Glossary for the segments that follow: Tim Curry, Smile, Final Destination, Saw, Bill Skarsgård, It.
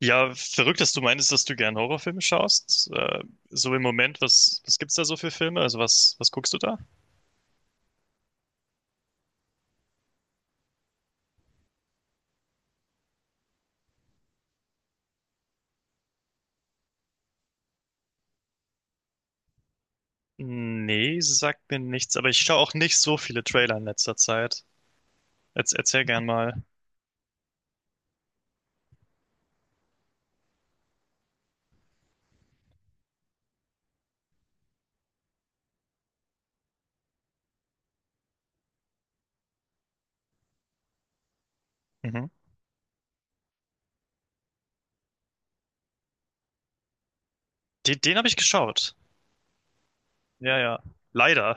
Ja, verrückt, dass du meinst, dass du gern Horrorfilme schaust. So im Moment, was gibt's da so für Filme? Also was guckst du da? Nee, sagt mir nichts, aber ich schaue auch nicht so viele Trailer in letzter Zeit. Jetzt erzähl gern mal. Mhm. Den habe ich geschaut. Ja, ja. Leider.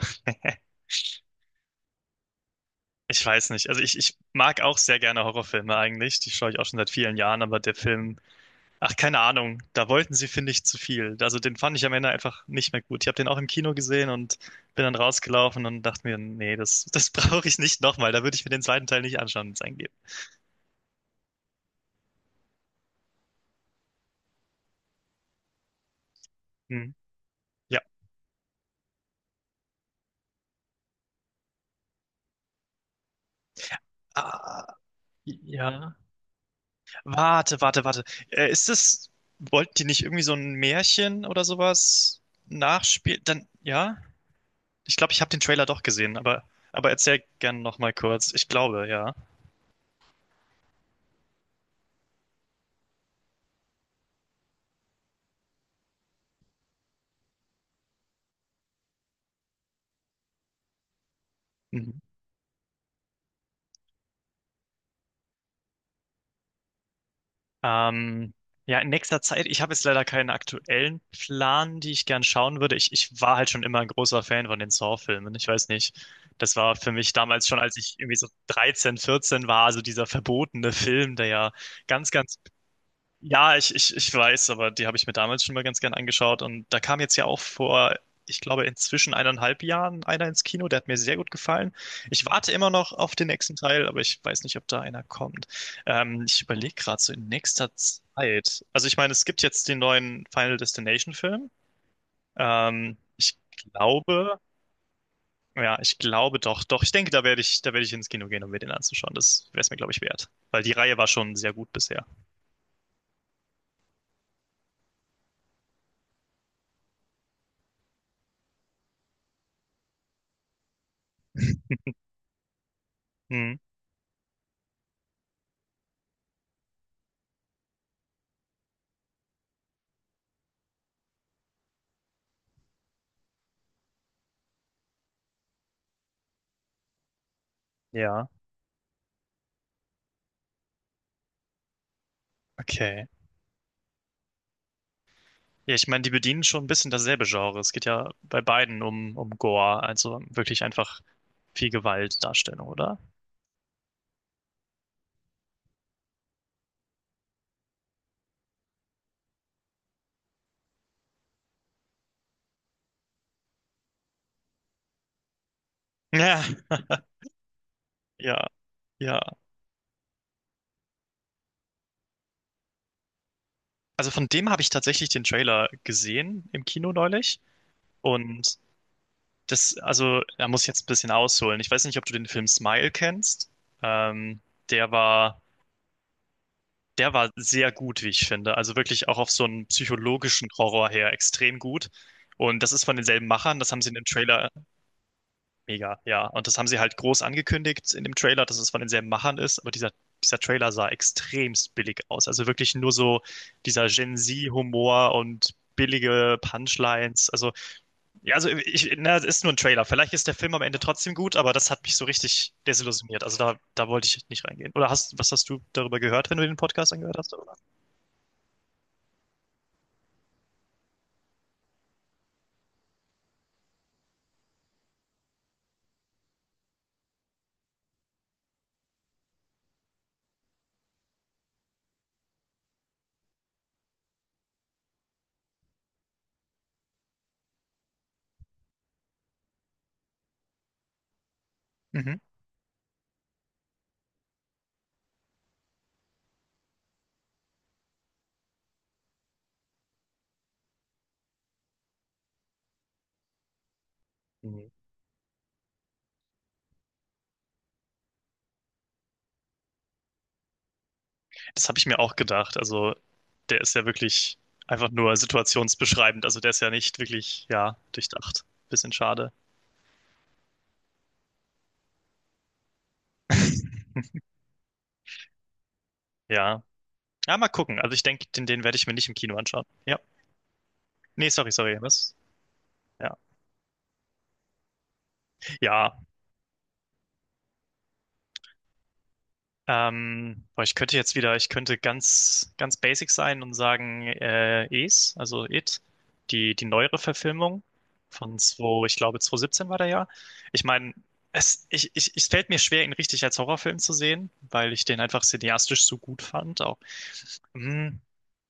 Ich weiß nicht. Also ich mag auch sehr gerne Horrorfilme eigentlich. Die schaue ich auch schon seit vielen Jahren, aber der Film — ach, keine Ahnung. Da wollten sie, finde ich, zu viel. Also den fand ich am Ende einfach nicht mehr gut. Ich habe den auch im Kino gesehen und bin dann rausgelaufen und dachte mir, nee, das, das brauche ich nicht nochmal. Da würde ich mir den zweiten Teil nicht anschauen, wenn es einen gibt. Hm. Ja. Ah, ja. Warte, warte, warte. Äh, ist das, wollten die nicht irgendwie so ein Märchen oder sowas nachspielen? Dann, ja? Ich glaube, ich habe den Trailer doch gesehen, aber erzähl gern nochmal kurz. Ich glaube, ja. Ähm, ja, in nächster Zeit, ich habe jetzt leider keinen aktuellen Plan, die ich gern schauen würde. Ich war halt schon immer ein großer Fan von den Saw-Filmen. Ich weiß nicht. Das war für mich damals schon, als ich irgendwie so 13, 14 war, also dieser verbotene Film, der ja ganz, ganz — ja, ich weiß, aber die habe ich mir damals schon mal ganz gern angeschaut. Und da kam jetzt ja auch vor, ich glaube, inzwischen eineinhalb Jahren einer ins Kino. Der hat mir sehr gut gefallen. Ich warte immer noch auf den nächsten Teil, aber ich weiß nicht, ob da einer kommt. Ich überlege gerade so in nächster Zeit. Also ich meine, es gibt jetzt den neuen Final Destination Film. Ich glaube, ja, ich glaube doch, doch. Ich denke, da werde ich ins Kino gehen, um mir den anzuschauen. Das wäre es mir, glaube ich, wert. Weil die Reihe war schon sehr gut bisher. Hm. Ja, okay. Ja, ich meine, die bedienen schon ein bisschen dasselbe Genre. Es geht ja bei beiden um Gore, also wirklich einfach viel Gewaltdarstellung, oder? Ja, ja, ja. Also von dem habe ich tatsächlich den Trailer gesehen im Kino neulich. Und das, also, da muss ich jetzt ein bisschen ausholen. Ich weiß nicht, ob du den Film Smile kennst. Ähm, der war, der war sehr gut, wie ich finde. Also wirklich auch auf so einen psychologischen Horror her extrem gut. Und das ist von denselben Machern. Das haben sie in dem Trailer — mega, ja. Und das haben sie halt groß angekündigt in dem Trailer, dass es von denselben Machern ist. Aber dieser Trailer sah extremst billig aus. Also wirklich nur so dieser Gen Z-Humor und billige Punchlines. Also, ja, also ich, na, es ist nur ein Trailer. Vielleicht ist der Film am Ende trotzdem gut, aber das hat mich so richtig desillusioniert. Also da wollte ich nicht reingehen. Was hast du darüber gehört, wenn du den Podcast angehört hast, oder? Mhm. Das habe ich mir auch gedacht. Also, der ist ja wirklich einfach nur situationsbeschreibend. Also, der ist ja nicht wirklich, ja, durchdacht. Bisschen schade. Ja. Ja, mal gucken. Also, ich denke, den werde ich mir nicht im Kino anschauen. Ja. Nee, sorry, sorry. Was? Ja. Ja. Boah, ich könnte ganz, ganz basic sein und sagen, Es, also It, die neuere Verfilmung von 2, ich glaube 2017 war der ja. Ich meine, es fällt mir schwer, ihn richtig als Horrorfilm zu sehen, weil ich den einfach cineastisch so gut fand. Auch. Hm,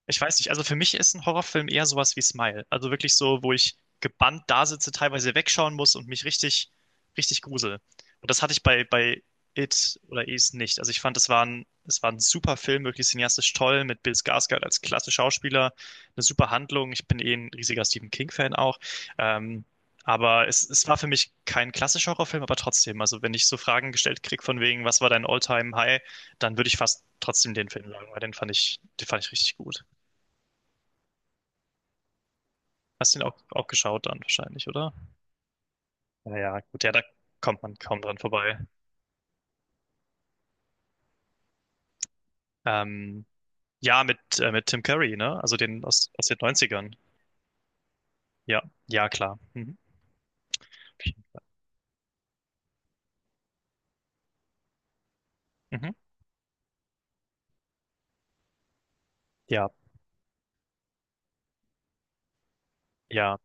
ich weiß nicht, also für mich ist ein Horrorfilm eher sowas wie Smile. Also wirklich so, wo ich gebannt da sitze, teilweise wegschauen muss und mich richtig, richtig grusel. Und das hatte ich bei It oder Is nicht. Also ich fand, es war ein super Film, wirklich cineastisch toll, mit Bill Skarsgård als klasse Schauspieler, eine super Handlung. Ich bin eh ein riesiger Stephen King-Fan auch. Ähm, aber es war für mich kein klassischer Horrorfilm, aber trotzdem. Also wenn ich so Fragen gestellt krieg von wegen, was war dein All-Time-High, dann würde ich fast trotzdem den Film sagen, weil den fand ich richtig gut. Hast du ihn auch geschaut dann wahrscheinlich, oder? Naja, gut, ja, da kommt man kaum dran vorbei. Ähm, ja, mit Tim Curry, ne? Also den aus den 90ern. Ja, ja, klar. Mhm. Mhm. Ja, ja,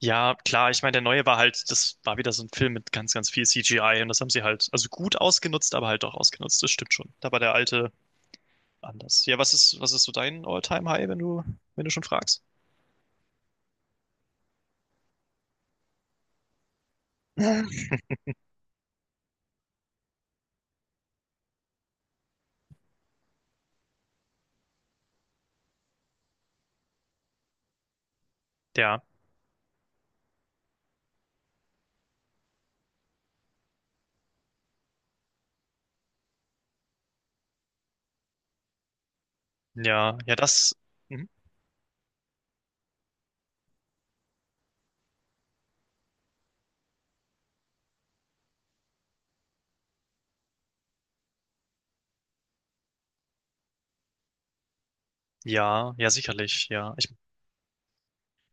ja, klar. Ich meine, der neue war halt, das war wieder so ein Film mit ganz, ganz viel CGI und das haben sie halt, also gut ausgenutzt, aber halt auch ausgenutzt. Das stimmt schon. Da war der alte anders. Ja, was ist so dein All-Time-High, wenn du schon fragst? Ja, ja, ja, das, mhm, ja, ja, sicherlich, ja. Ich —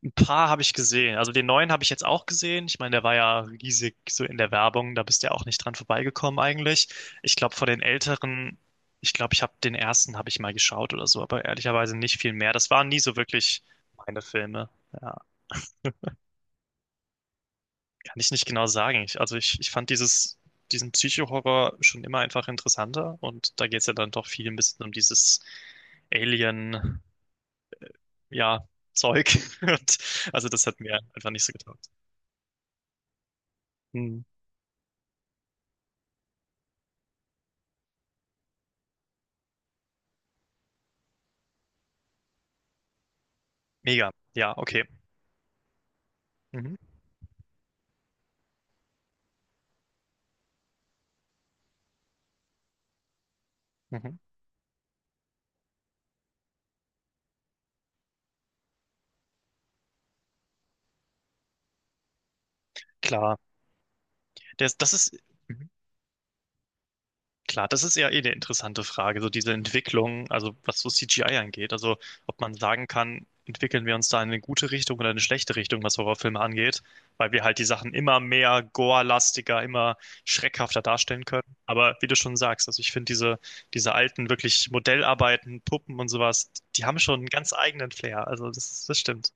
ein paar habe ich gesehen. Also den neuen habe ich jetzt auch gesehen. Ich meine, der war ja riesig so in der Werbung. Da bist du ja auch nicht dran vorbeigekommen eigentlich. Ich glaube, von den älteren, ich glaube, ich habe den ersten habe ich mal geschaut oder so, aber ehrlicherweise nicht viel mehr. Das waren nie so wirklich meine Filme. Ja, kann ich nicht genau sagen. Also ich fand diesen Psycho-Horror schon immer einfach interessanter und da geht es ja dann doch viel ein bisschen um dieses Alien, ja, Zeug. Und, also das hat mir einfach nicht so getaugt. Hm. Mega. Ja, okay. Mhm. Mhm. Klar, das ist mhm. klar, das ist ja eh eine interessante Frage, so diese Entwicklung, also was so CGI angeht, also ob man sagen kann, entwickeln wir uns da in eine gute Richtung oder eine schlechte Richtung, was Horrorfilme angeht, weil wir halt die Sachen immer mehr gore-lastiger, immer schreckhafter darstellen können. Aber wie du schon sagst, also ich finde diese alten wirklich Modellarbeiten, Puppen und sowas, die haben schon einen ganz eigenen Flair. Also das stimmt.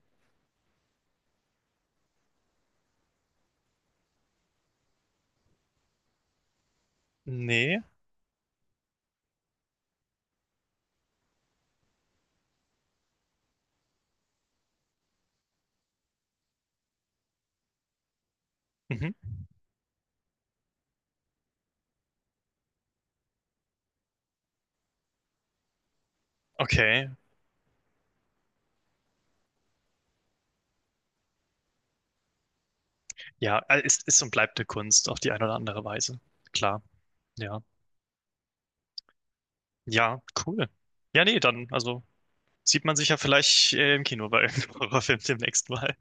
Nee. Mhm. Okay. Ja, ist und bleibt eine Kunst auf die eine oder andere Weise. Klar, ja. Ja, cool. Ja, nee, dann, also sieht man sich ja vielleicht im Kino bei irgendeinem Horrorfilm demnächst mal.